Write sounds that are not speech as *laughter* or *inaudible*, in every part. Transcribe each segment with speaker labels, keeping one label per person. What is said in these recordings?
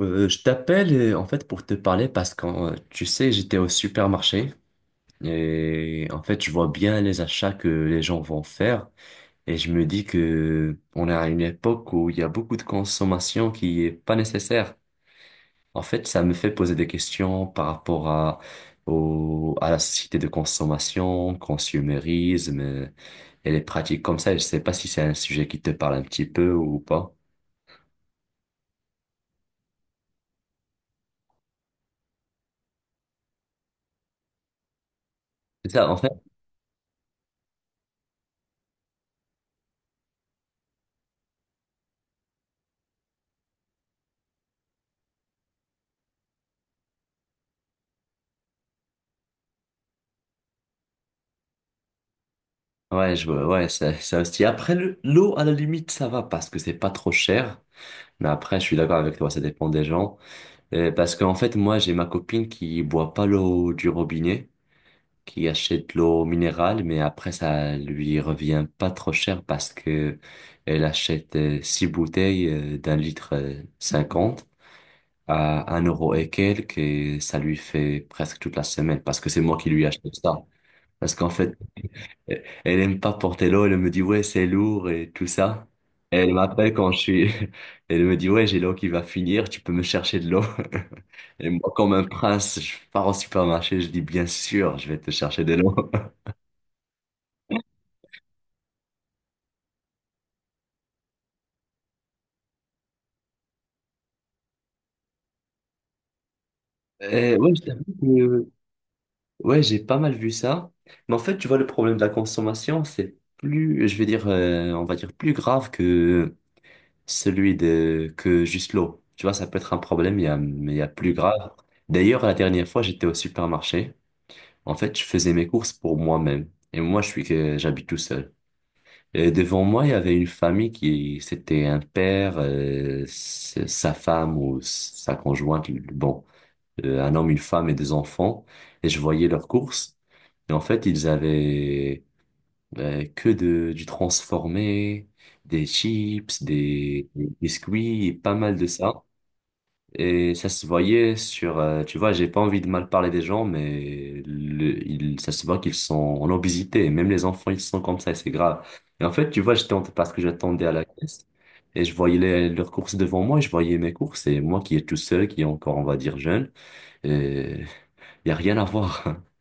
Speaker 1: Je t'appelle en fait pour te parler parce que tu sais, j'étais au supermarché et en fait, je vois bien les achats que les gens vont faire et je me dis que on est à une époque où il y a beaucoup de consommation qui est pas nécessaire. En fait, ça me fait poser des questions par rapport à au, à la société de consommation, consumérisme, et les pratiques comme ça. Je sais pas si c'est un sujet qui te parle un petit peu ou pas. C'est ça, en. Ouais, je vois, ouais, ça aussi. Après, l'eau, à la limite, ça va parce que c'est pas trop cher. Mais après, je suis d'accord avec toi, ça dépend des gens. Parce qu'en fait, moi, j'ai ma copine qui boit pas l'eau du robinet, qui achète l'eau minérale, mais après, ça lui revient pas trop cher parce que elle achète six bouteilles d'un litre 50 à 1 euro et quelques, et ça lui fait presque toute la semaine parce que c'est moi qui lui achète ça. Parce qu'en fait, elle aime pas porter l'eau, elle me dit ouais, c'est lourd et tout ça. Et elle m'appelle quand je suis, *laughs* elle me dit ouais, j'ai l'eau qui va finir, tu peux me chercher de l'eau. *laughs* Et moi, comme un prince, je pars au supermarché, je dis bien sûr, je vais te chercher de l'eau. *laughs* Et ouais, je t'avoue que, ouais, j'ai pas mal vu ça. Mais en fait, tu vois, le problème de la consommation, c'est plus, je vais dire, on va dire plus grave que celui de, que juste l'eau. Tu vois, ça peut être un problème, il y a, mais il y a plus grave. D'ailleurs, la dernière fois, j'étais au supermarché. En fait, je faisais mes courses pour moi-même. Et moi, je suis que j'habite tout seul. Et devant moi, il y avait une famille qui, c'était un père, sa femme ou sa conjointe, bon, un homme, une femme et deux enfants. Et je voyais leurs courses. Et en fait, ils avaient que de, du transformé, des chips, des biscuits, et pas mal de ça. Et ça se voyait sur, tu vois, j'ai pas envie de mal parler des gens, mais le, il, ça se voit qu'ils sont en obésité. Et même les enfants, ils sont comme ça et c'est grave. Et en fait, tu vois, parce que j'attendais à la caisse et je voyais leurs courses devant moi et je voyais mes courses. Et moi qui est tout seul, qui est encore, on va dire, jeune, et y a rien à voir. *laughs*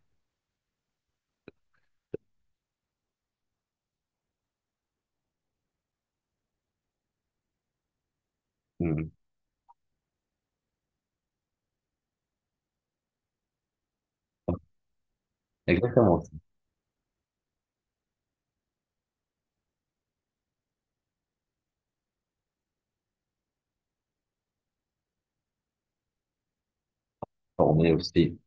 Speaker 1: Hmm. Exactement. C'est. Formé aussi.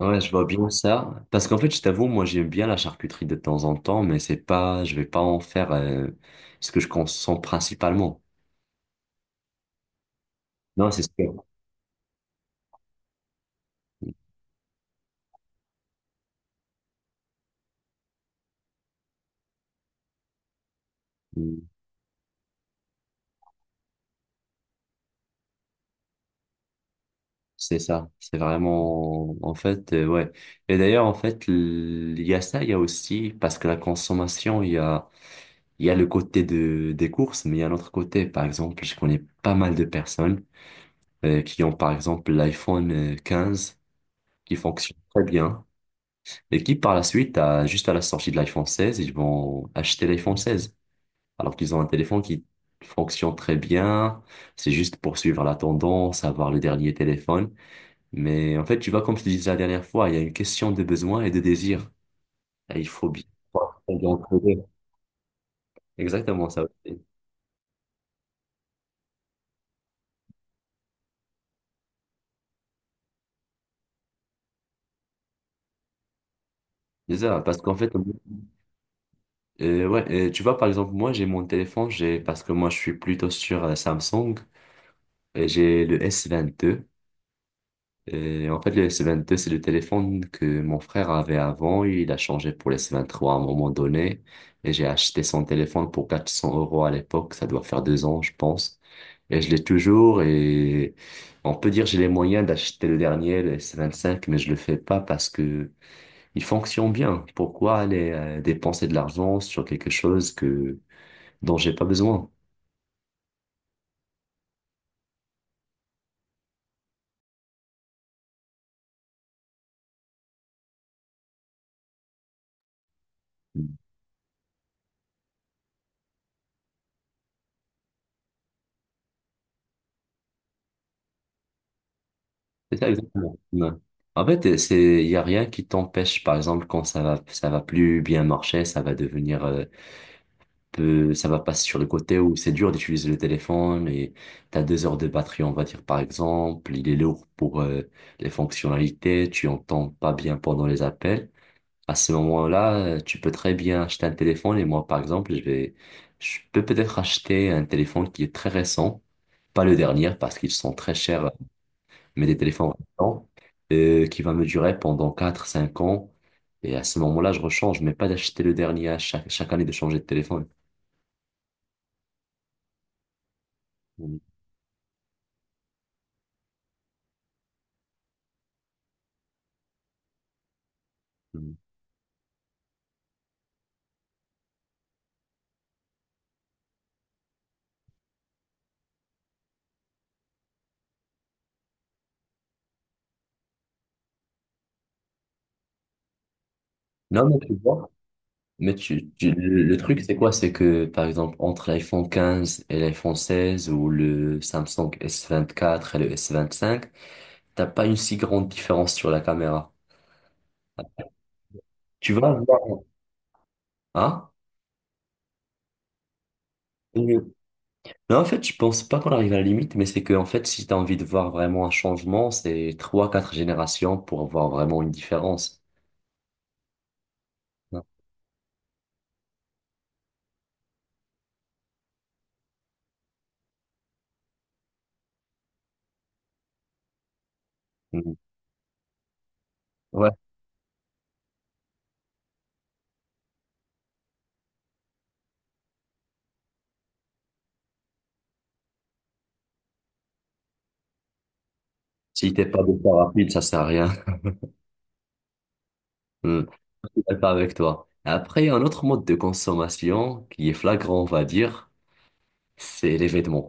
Speaker 1: Ouais, je vois bien ça. Parce qu'en fait, je t'avoue, moi, j'aime bien la charcuterie de temps en temps, mais c'est pas, je vais pas en faire, ce que je consomme principalement. Non, c'est sûr. C'est ça. C'est vraiment, en fait, ouais. Et d'ailleurs, en fait, il y a ça, il y a aussi, parce que la consommation, il y a le côté de, des courses, mais il y a l'autre côté. Par exemple, je connais pas mal de personnes, qui ont, par exemple, l'iPhone, 15 qui fonctionne très bien. Et qui par la suite, juste à la sortie de l'iPhone 16, ils vont acheter l'iPhone 16. Alors qu'ils ont un téléphone qui fonctionne très bien, c'est juste pour suivre la tendance, avoir le dernier téléphone. Mais en fait, tu vois, comme je te disais la dernière fois, il y a une question de besoin et de désir. Et il faut bien pouvoir trouver entre les deux. Exactement ça aussi. C'est ça, parce qu'en fait, ouais, tu vois, par exemple, moi, j'ai mon téléphone, j'ai, parce que moi, je suis plutôt sur Samsung, et j'ai le S22. Et en fait, le S22, c'est le téléphone que mon frère avait avant. Il a changé pour le S23 à un moment donné. Et j'ai acheté son téléphone pour 400 euros à l'époque. Ça doit faire 2 ans, je pense. Et je l'ai toujours. Et on peut dire j'ai les moyens d'acheter le dernier, le S25, mais je le fais pas parce que il fonctionne bien. Pourquoi aller dépenser de l'argent sur quelque chose que, dont j'ai pas besoin? C'est ça exactement. Ouais. En fait, c'est il y a rien qui t'empêche par exemple quand ça va plus bien marcher, ça va devenir, peu ça va passer sur le côté où c'est dur d'utiliser le téléphone et t'as 2 heures de batterie, on va dire par exemple, il est lourd pour les fonctionnalités, tu entends pas bien pendant les appels. À ce moment-là, tu peux très bien acheter un téléphone et moi par exemple, je peux peut-être acheter un téléphone qui est très récent, pas le dernier parce qu'ils sont très chers, mais des téléphones récents, qui va me durer pendant quatre cinq ans. Et à ce moment-là, je rechange, mais pas d'acheter le dernier à chaque année de changer de téléphone. Mhm. Non, mais tu vois, mais le truc, c'est quoi? C'est que, par exemple, entre l'iPhone 15 et l'iPhone 16 ou le Samsung S24 et le S25, t'as pas une si grande différence sur la caméra. Tu vas voir, hein? Non, en fait, je pense pas qu'on arrive à la limite, mais c'est que, en fait, si t'as envie de voir vraiment un changement, c'est trois, quatre générations pour avoir vraiment une différence. Non. Mm. Ouais. Si t'es pas beaucoup rapide, ça sert à rien. *laughs* Mm. Je suis d'accord avec toi. Après, un autre mode de consommation qui est flagrant, on va dire, c'est les vêtements,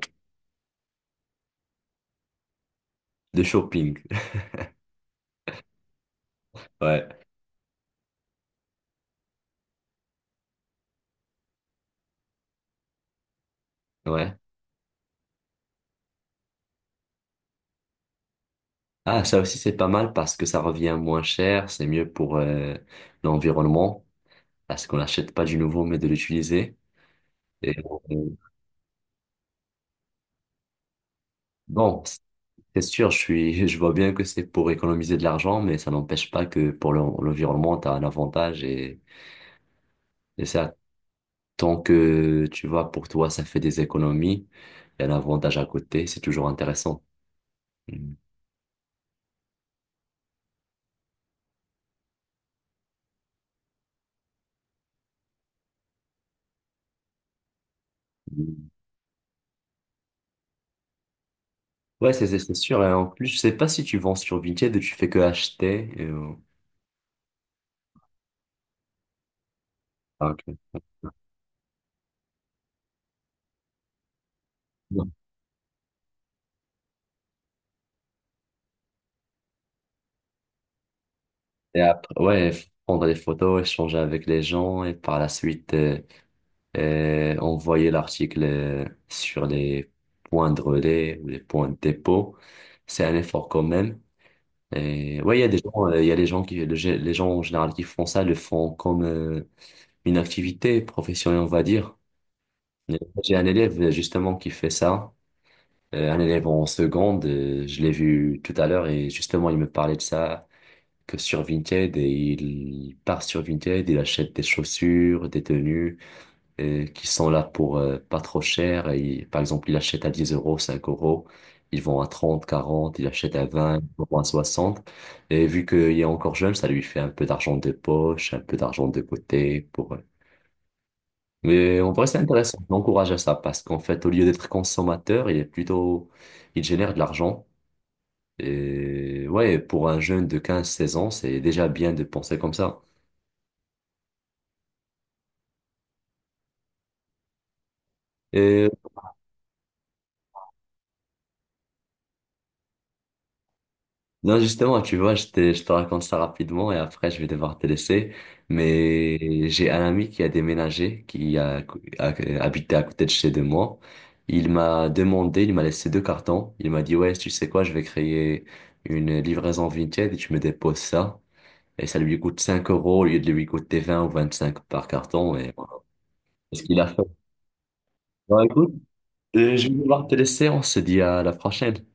Speaker 1: de shopping. *laughs* Ouais, ouais. Ah, ça aussi, c'est pas mal parce que ça revient moins cher, c'est mieux pour, l'environnement, parce qu'on n'achète pas du nouveau, mais de l'utiliser. Et, bon. C'est sûr, je suis, *laughs* je vois bien que c'est pour économiser de l'argent, mais ça n'empêche pas que pour l'environnement, tu as un avantage et ça, tant que tu vois, pour toi, ça fait des économies, il y a un avantage à côté, c'est toujours intéressant. Mm. Ouais, c'est sûr. Et en plus, je sais pas si tu vends sur Vinted ou tu fais que acheter. Et, ah, ok. Non. Et après, ouais, prendre des photos, échanger avec les gens et par la suite, et envoyer l'article, sur les points de relais ou les points de dépôt. C'est un effort quand même. Et ouais, il y a des gens qui, les gens en général qui font ça, le font comme une activité professionnelle, on va dire. Mais j'ai un élève, justement qui fait ça. Un élève en seconde, je l'ai vu tout à l'heure et justement il me parlait de ça, que sur Vinted et il part sur Vinted, il achète des chaussures, des tenues, qui sont là pour pas trop cher. Et, par exemple, ils achètent à 10 euros, 5 euros. Ils vont à 30, 40, ils achètent à 20, à 60. Et vu qu'il est encore jeune, ça lui fait un peu d'argent de poche, un peu d'argent de côté pour. Mais en vrai, c'est intéressant. Je l'encourage à ça parce qu'en fait, au lieu d'être consommateur, il est plutôt. Il génère de l'argent. Et ouais, pour un jeune de 15-16 ans, c'est déjà bien de penser comme ça. Et. Non, justement, tu vois, je te raconte ça rapidement et après, je vais devoir te laisser. Mais j'ai un ami qui a déménagé, habité à côté de chez de moi. Il m'a demandé, il m'a laissé deux cartons. Il m'a dit, ouais, tu sais quoi, je vais créer une livraison Vinted et tu me déposes ça. Et ça lui coûte 5 euros au lieu de lui coûter 20 ou cinq par carton. Et voilà. C'est ce qu'il a fait. Bon, écoute, je vais devoir te laisser. On se dit à la prochaine.